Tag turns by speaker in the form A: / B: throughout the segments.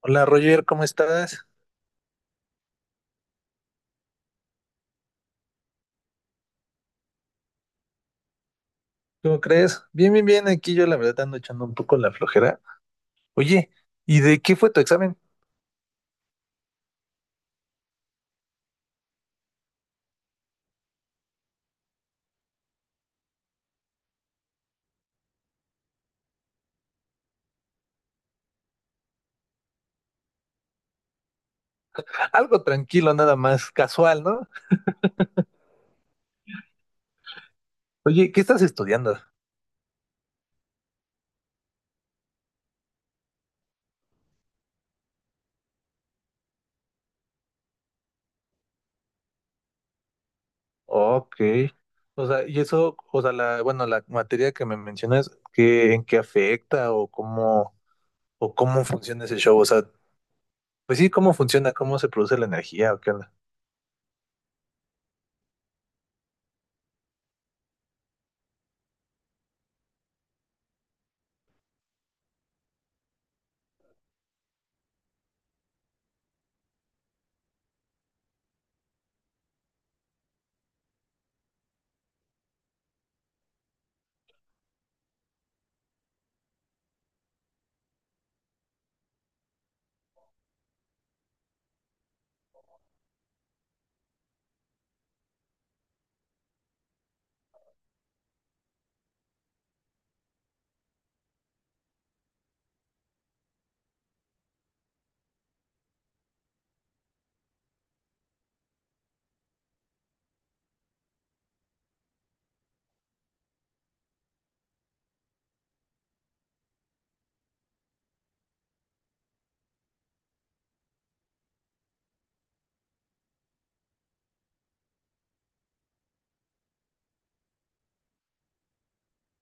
A: Hola Roger, ¿cómo estás? ¿Cómo crees? Bien, bien, bien. Aquí yo la verdad ando echando un poco la flojera. Oye, ¿y de qué fue tu examen? Algo tranquilo, nada más, casual, ¿no? Oye, ¿qué estás estudiando? Ok. O sea, y eso, o sea, la, bueno, la materia que me mencionas, ¿qué, en qué afecta o cómo funciona ese show? O sea, pues sí, ¿cómo funciona? ¿Cómo se produce la energía o qué onda?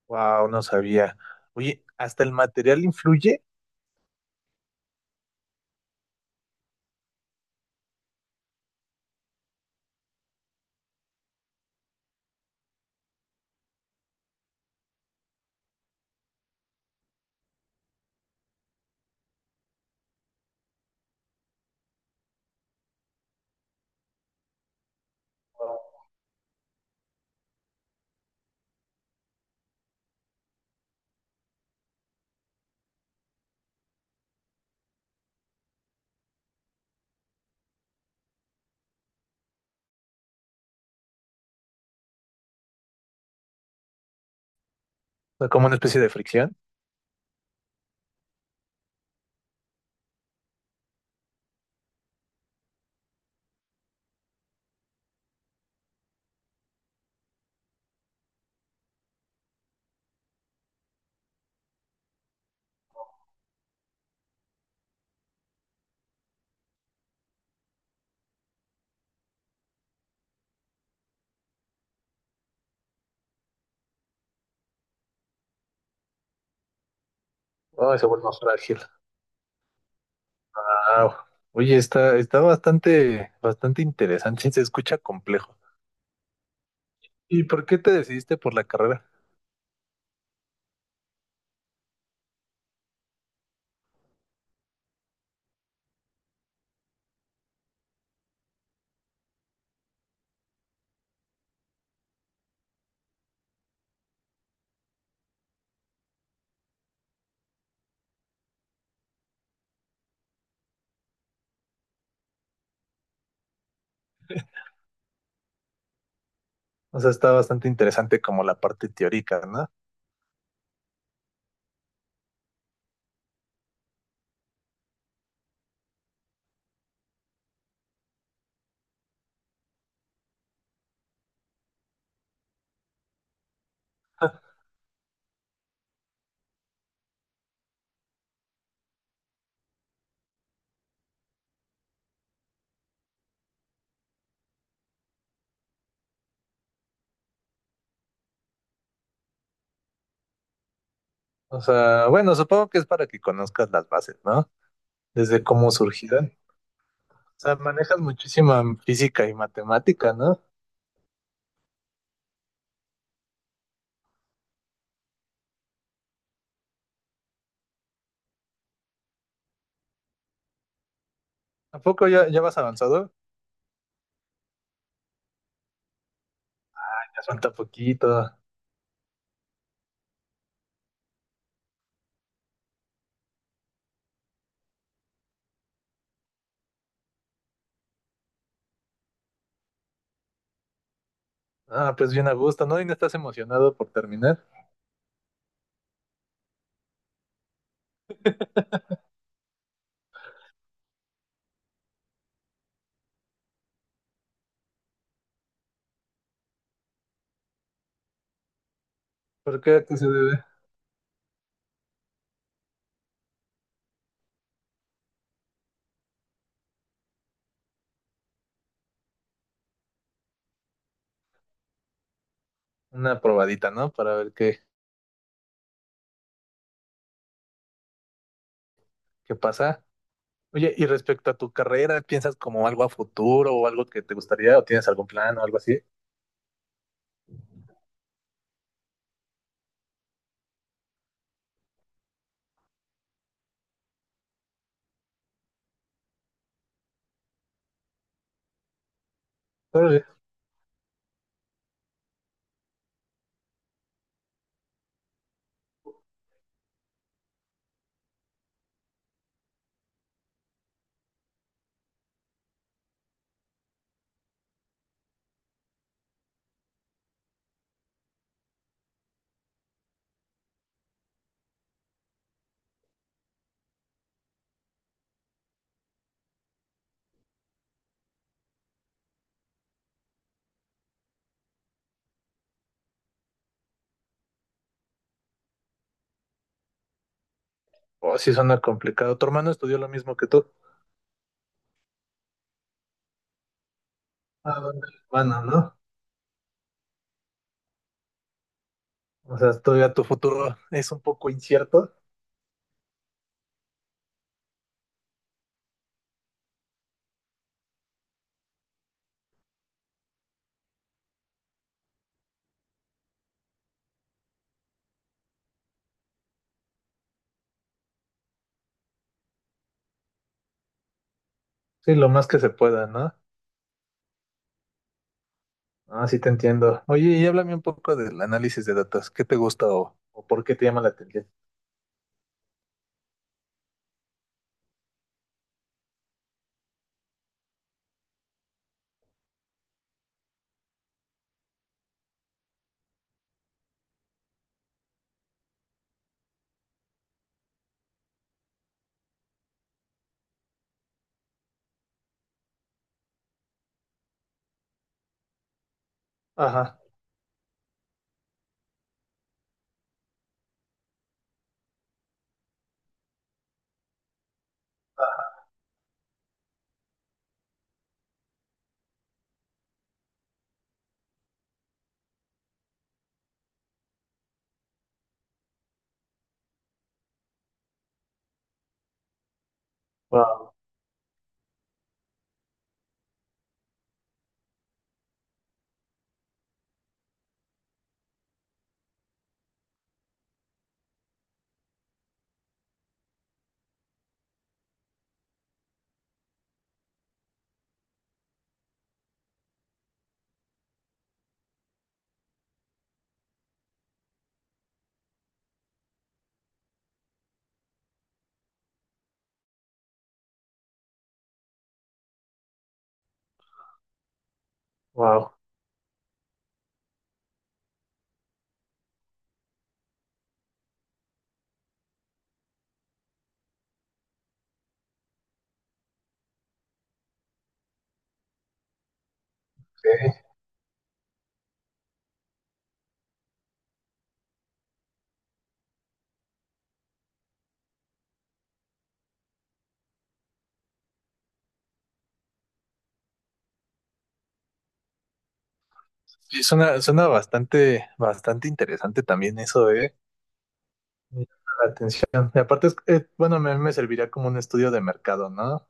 A: Wow, no sabía. Oye, ¿hasta el material influye? O sea, como una especie de fricción. Oh, se vuelve más frágil. Ah, oye, está, está bastante, bastante interesante, se escucha complejo. ¿Y por qué te decidiste por la carrera? O sea, está bastante interesante como la parte teórica, ¿no? O sea, bueno, supongo que es para que conozcas las bases, ¿no? Desde cómo surgirán. O sea, manejas muchísima física y matemática, ¿no? ¿A poco ya, ya vas avanzado? Ya falta poquito. Ah, pues bien a gusto, ¿no? Y no estás emocionado por terminar. ¿Por qué? ¿A qué se debe? Una probadita, ¿no? Para ver qué, qué pasa. Oye, y respecto a tu carrera, ¿piensas como algo a futuro o algo que te gustaría o tienes algún plan o algo así? Órale. Oh, sí suena complicado. Tu hermano estudió lo mismo que tú. Ah, bueno, bueno, ¿no? O sea, todavía tu futuro es un poco incierto. Sí, lo más que se pueda, ¿no? Ah, sí te entiendo. Oye, y háblame un poco del análisis de datos. ¿Qué te gusta o por qué te llama la atención? Ajá. Wow, wow. Sí, Sí, suena, suena bastante, bastante interesante también eso, ¿eh? Me llama la atención. Y aparte, es, bueno, a mí me serviría como un estudio de mercado, ¿no?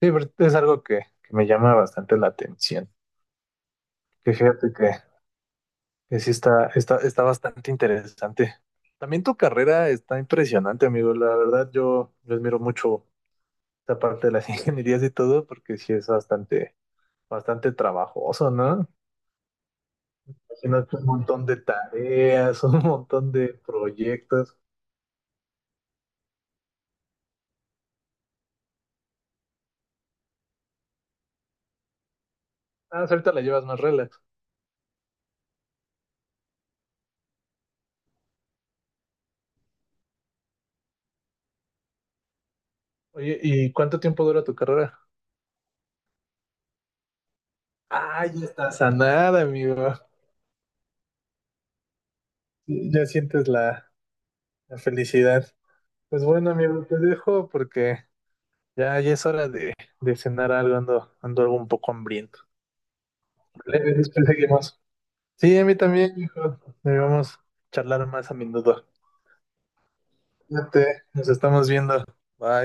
A: Sí, pero es algo que me llama bastante la atención. Que fíjate que sí está, está, está bastante interesante. También tu carrera está impresionante, amigo. La verdad, yo admiro mucho esta parte de las ingenierías y todo, porque sí es bastante, bastante trabajoso, ¿no? Imagínate un montón de tareas, un montón de proyectos. Ah, sí, ahorita la llevas más relax. Oye, ¿y cuánto tiempo dura tu carrera? Ay, no estás a nada, amigo. Ya sientes la, la felicidad. Pues bueno, amigo, te dejo porque ya, ya es hora de cenar algo. Ando, ando algo un poco hambriento. Vale, después seguimos. Sí, a mí también, hijo. Debemos charlar más a menudo. Cuídate, nos estamos viendo. Bye.